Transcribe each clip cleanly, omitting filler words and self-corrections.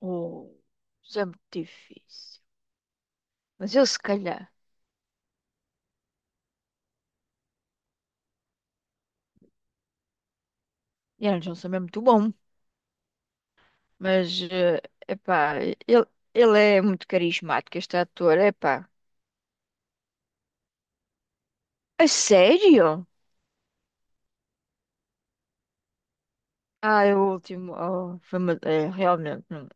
Oh, isso é muito difícil. Mas ele, se calhar, Indiana Jones também é muito bom. Mas, epá, ele, ele é muito carismático, este ator, epá. A sério? Ah, é o último. Oh, é, realmente. Não.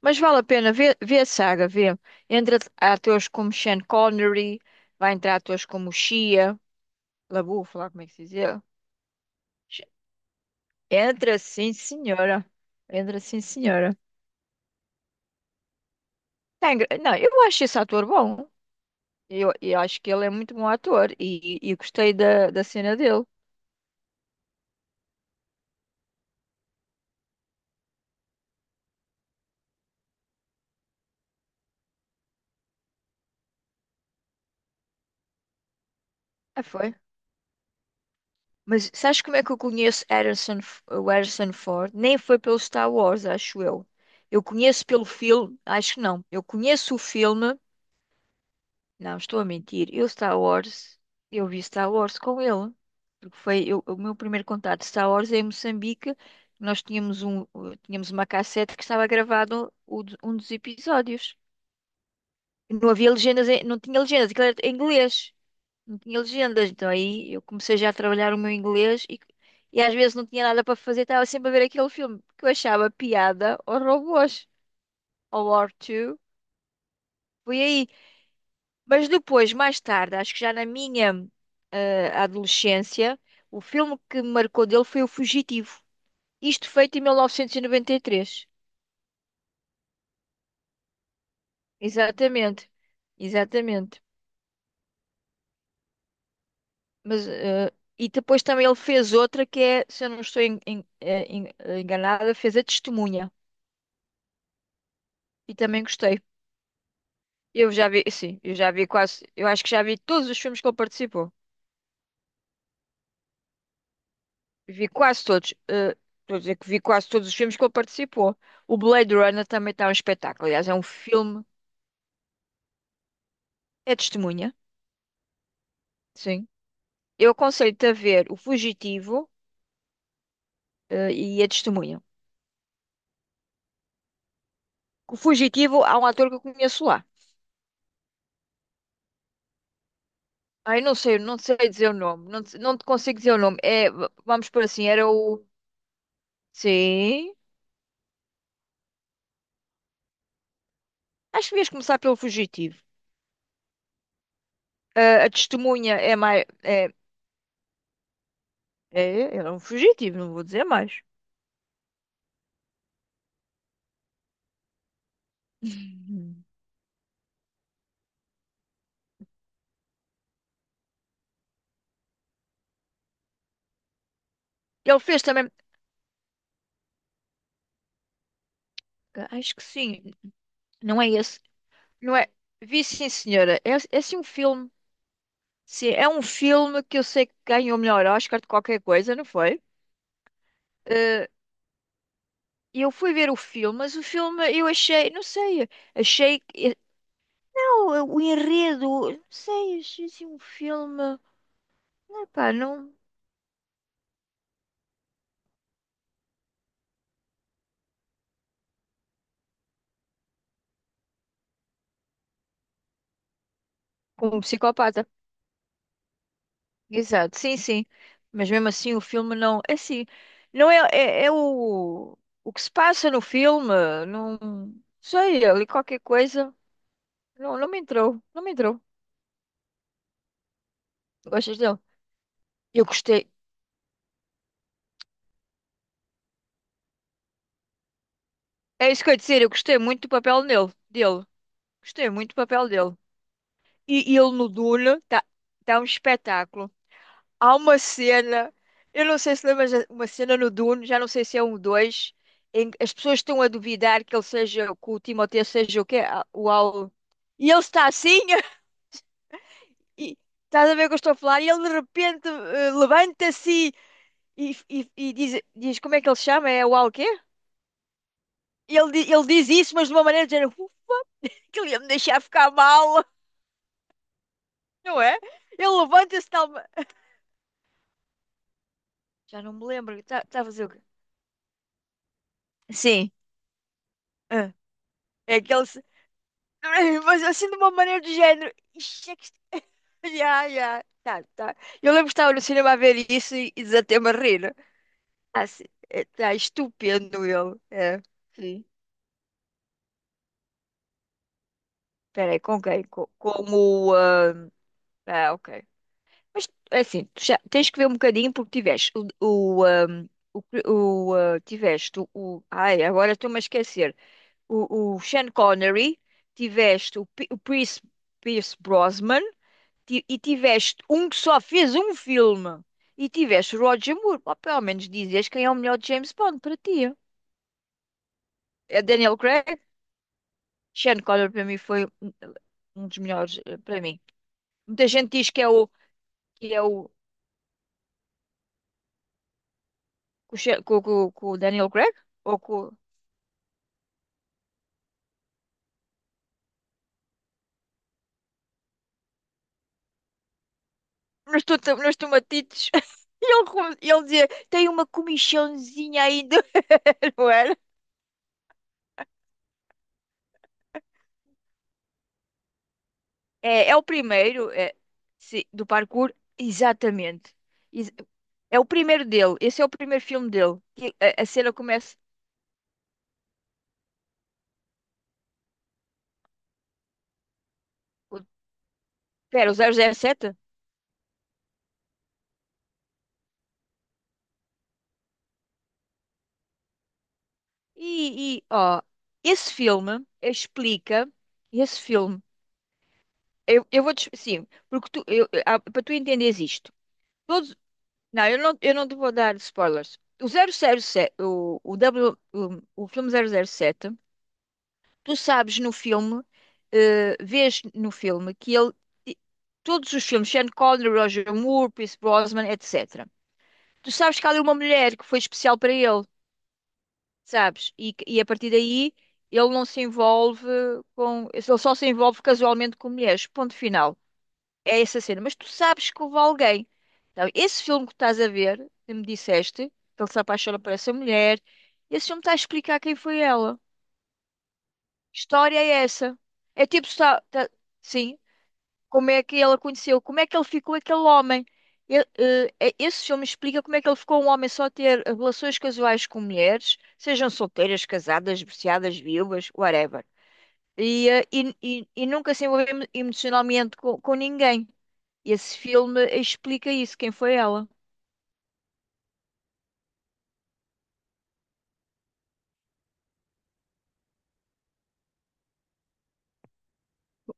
Mas vale a pena ver, ver a saga, ver. Entra atores como Sean Connery, vai entrar atores como Shia LaBeouf, lá como é que se diz ele. Entra sim, senhora. Entra sim, senhora. Não, eu acho esse ator bom. Eu acho que ele é muito bom ator e gostei da cena dele. Ah, foi. Mas sabes como é que eu conheço o Harrison Ford? Nem foi pelo Star Wars, acho eu. Eu conheço pelo filme, acho que não. Eu conheço o filme. Não, estou a mentir. Eu vi Star Wars com ele. Porque o meu primeiro contato de Star Wars é em Moçambique. Nós tínhamos um, Tínhamos uma cassete que estava gravado um dos episódios. Não havia legendas, não tinha legendas, aquilo era em inglês. Não tinha legendas. Então aí eu comecei já a trabalhar o meu inglês e, às vezes não tinha nada para fazer, estava sempre a ver aquele filme que eu achava piada aos robôs, ao War 2. Foi aí. Mas depois, mais tarde, acho que já na minha adolescência, o filme que me marcou dele foi O Fugitivo. Isto feito em 1993. Exatamente. Exatamente. Mas, e depois também ele fez outra que é, se eu não estou enganada, fez A Testemunha. E também gostei. Eu já vi, sim, eu acho que já vi todos os filmes que ele participou. Vi quase todos. Estou a dizer que vi quase todos os filmes que ele participou. O Blade Runner também está um espetáculo. Aliás, é um filme, é testemunha, sim. Eu aconselho-te a ver O Fugitivo, e a Testemunha. O Fugitivo, há um ator que eu conheço lá. Ai, não sei, não sei dizer o nome. Não, não te consigo dizer o nome. É, vamos por assim, era o. Sim. Acho que devias começar pelo Fugitivo. Eh, a Testemunha é mais. É, ele é um fugitivo, não vou dizer mais. Uhum. Ele fez também. Acho que sim. Não é esse. Não é? Vi sim, senhora. É, é sim um filme. Sim, é um filme que eu sei que ganhou o melhor Oscar de qualquer coisa, não foi? Eh, eu fui ver o filme, mas o filme eu achei, não sei, achei que. Não, o enredo, não sei, achei assim um filme. Epá, não. Como um psicopata. Exato, sim, sim. Mas mesmo assim o filme não. É assim, não é, é o que se passa no filme. Não sei, ali qualquer coisa. Não, não me entrou. Não me entrou. Gostas dele? Eu gostei. É isso que eu ia dizer, eu gostei muito do papel nele, dele. Gostei muito do papel dele. E ele no Dune está tá tá um espetáculo. Há uma cena, eu não sei se lembras, uma cena no Dune, já não sei se é um dois, em que as pessoas estão a duvidar que ele seja, que o Timothée seja o quê? Ah, o Al. E ele está assim, e estás a ver o que eu estou a falar, e ele de repente levanta-se e diz, como é que ele se chama? É o Al quê? E ele, ele diz isso, mas de uma maneira de género, "Uf, que ele ia me deixar ficar mal," não é? Ele levanta-se de tal. Já não me lembro, está tá tá a fazer o quê? Sim. Ah, é aquele. Ai, mas assim, de uma maneira do género. "Ixi, é que isto- Já, já. Tá, tá." Eu lembro que estava no cinema a ver isso e desatei-me a rir. Assim, está estupendo ele. É. Sim. Peraí, com quem? Ah, ok. Mas é assim, tu já tens que ver um bocadinho porque tiveste Ai, agora estou-me a esquecer. O Sean Connery, tiveste o Pierce, Pierce Brosnan, e tiveste um que só fez um filme e tiveste Roger Moore, pá, pelo menos dizias quem é o melhor James Bond para ti. É Daniel Craig? Sean Connery para mim foi um dos melhores, para mim. Muita gente diz que é o com o que o Daniel Craig ou com nos tomatitos. E ele, ele dizia, tem uma comichãozinha ainda, não era? É, é o primeiro é, sim, do parkour, exatamente. Ex- É o primeiro dele. Esse é o primeiro filme dele. Que a cena começa. o- Pera, o 007? E ó, esse filme explica. Esse filme. Eu vou te. Sim, porque para tu entenderes isto. Todos, não, eu não te vou dar spoilers. O 007, o filme 007. Tu sabes no filme, vês no filme que ele, todos os filmes, Sean Connery, Roger Moore, Pierce Brosnan, etc. Tu sabes que há ali uma mulher que foi especial para ele, sabes? E, e a partir daí ele não se envolve com. Ele só se envolve casualmente com mulheres. Ponto final. É essa cena. Mas tu sabes que houve alguém. Então, esse filme que estás a ver, que me disseste, que ele se apaixona por essa mulher, esse filme está a explicar quem foi ela. História é essa. É tipo, está, tá- sim, como é que ela conheceu, como é que ele ficou aquele homem. Ele, esse filme explica como é que ele ficou um homem só a ter relações casuais com mulheres, sejam solteiras, casadas, divorciadas, viúvas, whatever. E, e nunca se envolveu emocionalmente com ninguém. Esse filme explica isso, quem foi ela.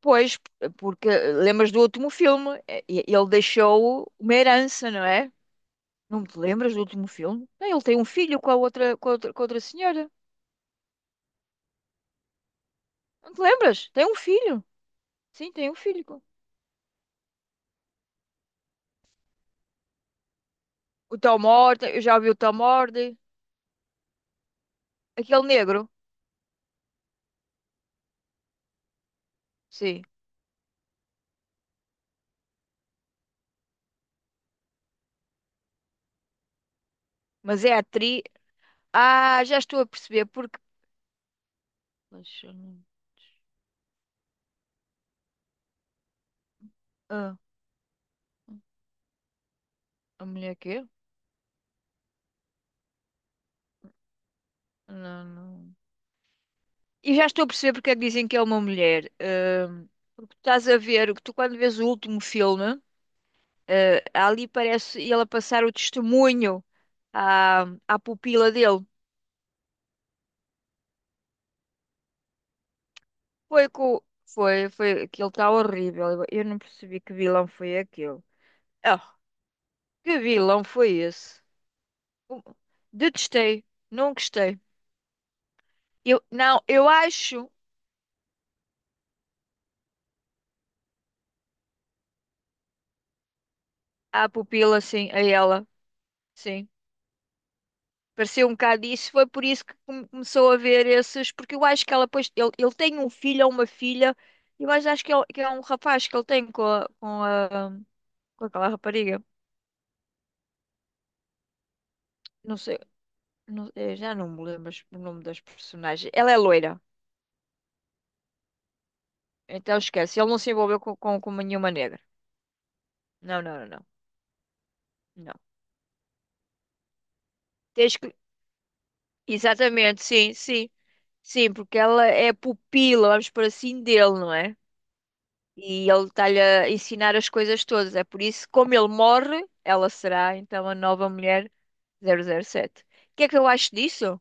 Pois, porque lembras do último filme, ele deixou uma herança, não é? Não te lembras do último filme? Não, ele tem um filho com a outra, com a outra, com a outra senhora. Não te lembras? Tem um filho. Sim, tem um filho. O Tom Hardy, eu já vi o Tom Hardy. Aquele negro. Sim. Mas é atriz. Ah, já estou a perceber porque. Deixa eu não- Ah, a mulher quê? Não, não. E já estou a perceber porque é que dizem que é uma mulher. Porque estás a ver, que tu quando vês o último filme, ah, ali parece ele a passar o testemunho à, à pupila dele. Foi com. Foi, foi. Aquilo está horrível. Eu não percebi que vilão foi aquele. Oh, que vilão foi esse? Um- Detestei. Não gostei. Eu, não, Eu acho a pupila, sim, a ela, sim. Pareceu um bocado isso. Foi por isso que começou a ver esses. Porque eu acho que ela, pois, ele tem um filho ou uma filha. Eu acho que é um rapaz que ele tem com a, com a, com aquela rapariga. Não sei, eu já não me lembro o nome das personagens. Ela é loira. Então esquece, ele não se envolveu com nenhuma negra. Não, não, não, não. Não. Tens que... Exatamente, sim, sim. Sim, porque ela é pupila, vamos por assim, dele, não é? E ele está-lhe a ensinar as coisas todas. É por isso, que, como ele morre, ela será então a nova mulher 007. O que é que eu acho disso?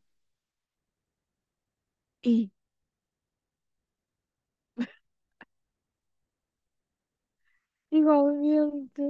Ih, igualmente.